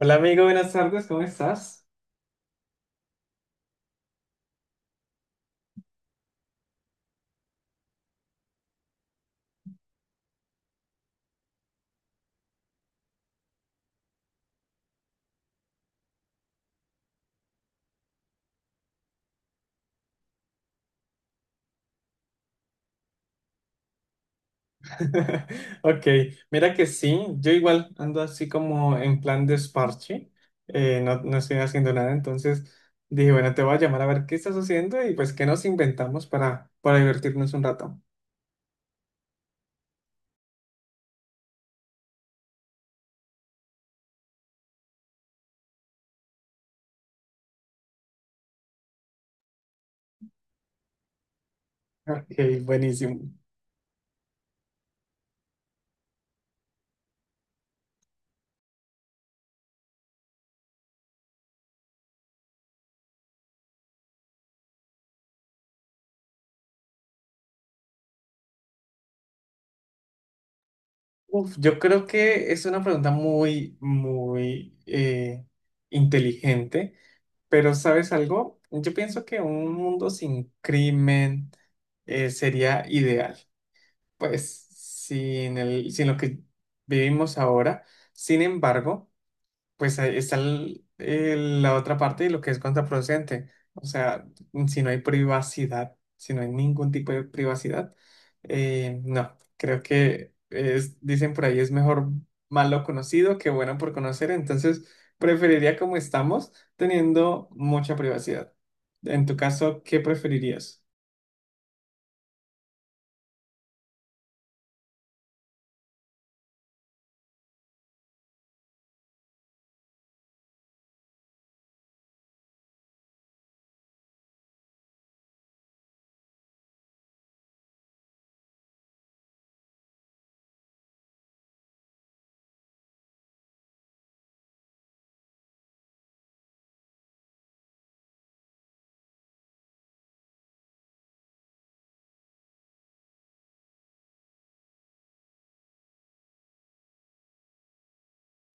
Hola amigo, buenas tardes, ¿cómo estás? Ok, mira que sí, yo igual ando así como en plan desparche, no, estoy haciendo nada, entonces dije, bueno, te voy a llamar a ver qué estás haciendo y pues qué nos inventamos para divertirnos un rato. Ok, buenísimo. Uf, yo creo que es una pregunta muy inteligente, pero ¿sabes algo? Yo pienso que un mundo sin crimen sería ideal. Pues sin lo que vivimos ahora. Sin embargo, pues ahí está la otra parte de lo que es contraproducente. O sea, si no hay ningún tipo de privacidad, no, creo que es, dicen por ahí es mejor malo conocido que bueno por conocer. Entonces, preferiría como estamos, teniendo mucha privacidad. En tu caso, ¿qué preferirías?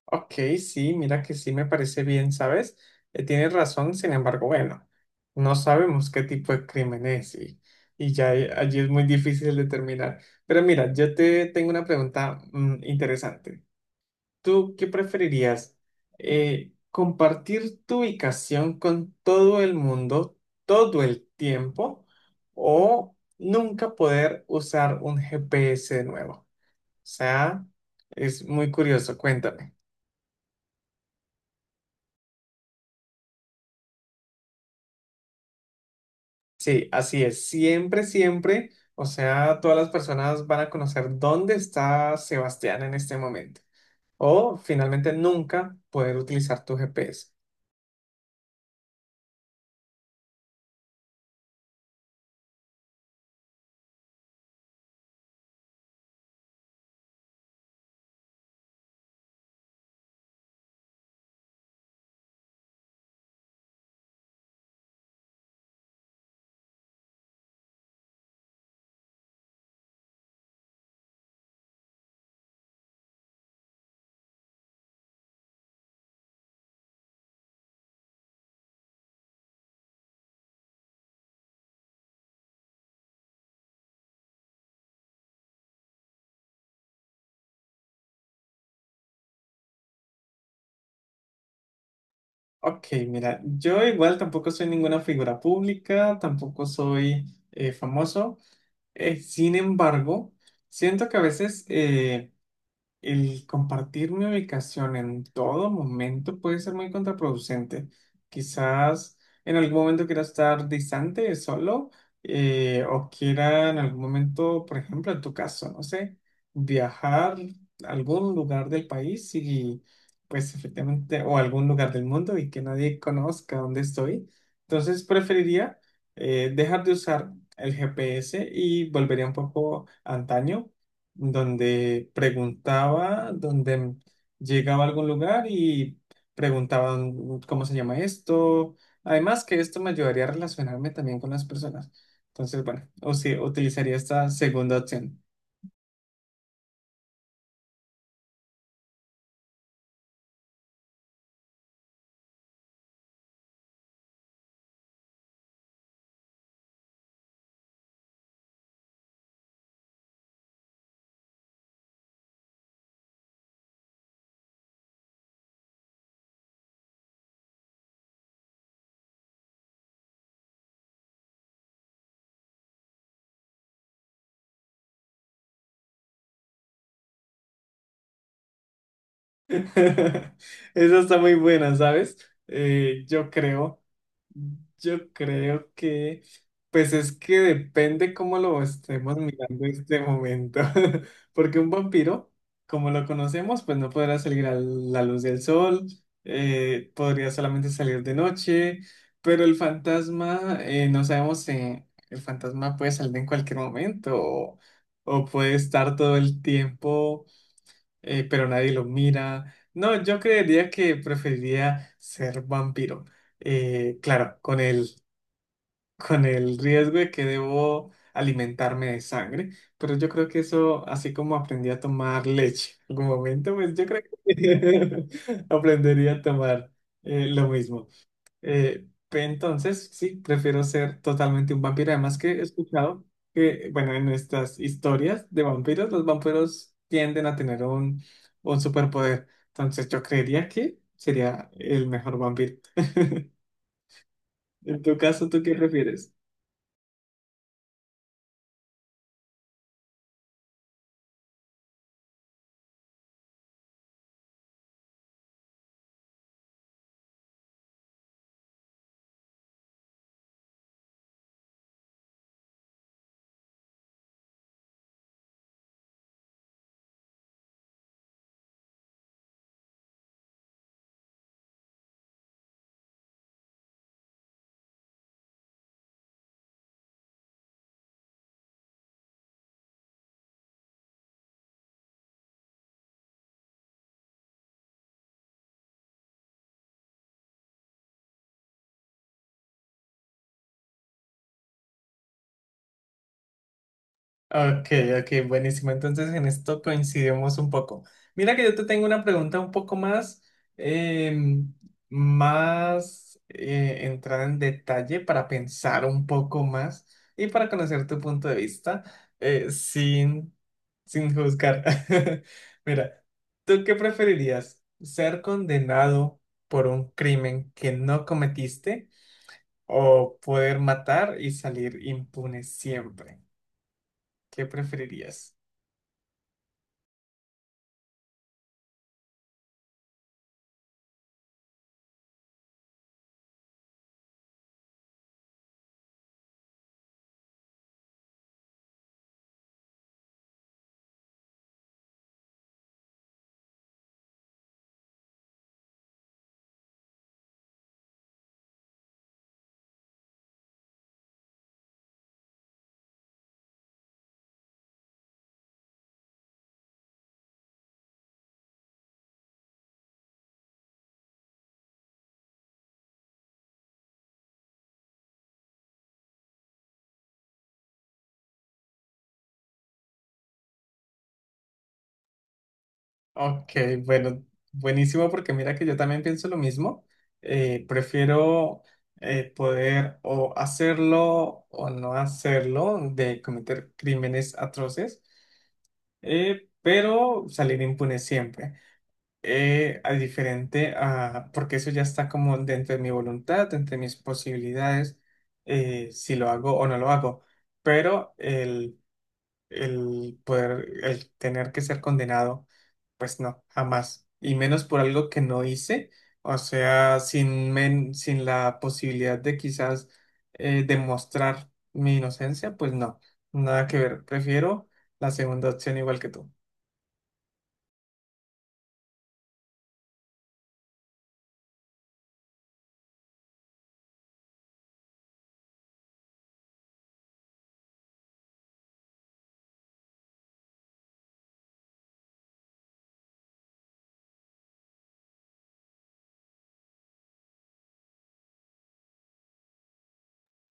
Ok, sí, mira que sí me parece bien, ¿sabes? Tienes razón, sin embargo, bueno, no sabemos qué tipo de crimen y ya allí es muy difícil determinar. Pero mira, yo te tengo una pregunta interesante. ¿Tú qué preferirías? ¿Compartir tu ubicación con todo el mundo todo el tiempo o nunca poder usar un GPS de nuevo? O sea, es muy curioso, cuéntame. Sí, así es. Siempre, siempre, o sea, todas las personas van a conocer dónde está Sebastián en este momento. O finalmente nunca poder utilizar tu GPS. Ok, mira, yo igual tampoco soy ninguna figura pública, tampoco soy famoso. Sin embargo, siento que a veces... el compartir mi ubicación en todo momento puede ser muy contraproducente. Quizás en algún momento quiera estar distante, solo, o quiera en algún momento, por ejemplo, en tu caso, no sé, viajar a algún lugar del país y pues efectivamente, o algún lugar del mundo y que nadie conozca dónde estoy. Entonces preferiría dejar de usar el GPS y volvería un poco antaño donde preguntaba, donde llegaba a algún lugar y preguntaba "Mm, cómo se llama esto". Además que esto me ayudaría a relacionarme también con las personas. Entonces, bueno, o si utilizaría esta segunda opción. Esa está muy buena, ¿sabes? Eh, yo creo, yo creo que, pues es que depende cómo lo estemos mirando en este momento, porque un vampiro, como lo conocemos, pues no podrá salir a la luz del sol, podría solamente salir de noche, pero el fantasma, no sabemos, el fantasma puede salir en cualquier momento o puede estar todo el tiempo pero nadie los mira. No, yo creería que preferiría ser vampiro. Claro, con el, con el riesgo de que debo alimentarme de sangre, pero yo creo que eso, así como aprendí a tomar leche en algún momento, pues yo creo que aprendería a tomar lo mismo. Entonces, sí, prefiero ser totalmente un vampiro. Además que he escuchado que, bueno, en estas historias de vampiros, los vampiros tienden a tener un superpoder. Entonces, yo creería que sería el mejor vampiro. En tu caso, ¿tú qué prefieres? Ok, ok, buenísimo. Entonces en esto coincidimos un poco. Mira que yo te tengo una pregunta un poco más, em, más entrada en detalle para pensar un poco más y para conocer tu punto de vista eh, sin, sin juzgar. Mira, ¿tú qué preferirías? ¿Ser condenado por un crimen que no cometiste o poder matar y salir impune siempre? ¿Qué preferirías? Ok, bueno, buenísimo porque mira que yo también pienso lo mismo. Prefiero poder o hacerlo o no hacerlo de cometer crímenes atroces, pero salir impune siempre. Porque eso ya está como dentro de mi voluntad, dentro de mis posibilidades, si lo hago o no lo hago. Pero el poder, el tener que ser condenado. Pues no, jamás. Y menos por algo que no hice. O sea, sin la posibilidad de quizás demostrar mi inocencia, pues no. Nada que ver. Prefiero la segunda opción igual que tú.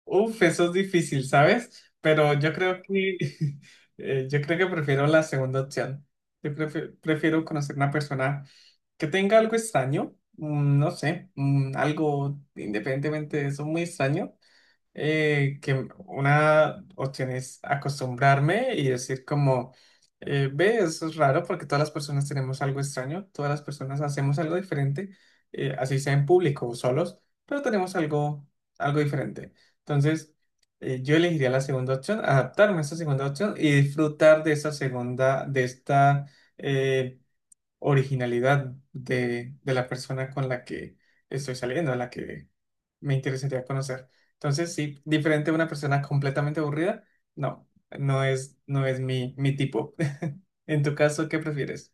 Uf, eso es difícil, ¿sabes? Pero yo creo que yo creo que prefiero la segunda opción. Yo prefiero conocer una persona que tenga algo extraño, no sé, algo independientemente de eso, muy extraño que una opción es acostumbrarme y decir como, ve, eso es raro porque todas las personas tenemos algo extraño, todas las personas hacemos algo diferente, así sea en público o solos, pero tenemos algo diferente. Entonces, yo elegiría la segunda opción, adaptarme a esa segunda opción y disfrutar de esa segunda, de esta... eh, originalidad de la persona con la que estoy saliendo, a la que me interesaría conocer. Entonces, sí, diferente a una persona completamente aburrida, no, no es mi tipo. En tu caso, ¿qué prefieres?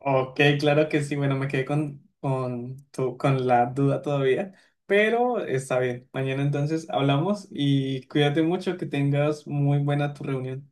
Ok, claro que sí. Bueno, me quedé con la duda todavía, pero está bien. Mañana entonces hablamos y cuídate mucho, que tengas muy buena tu reunión.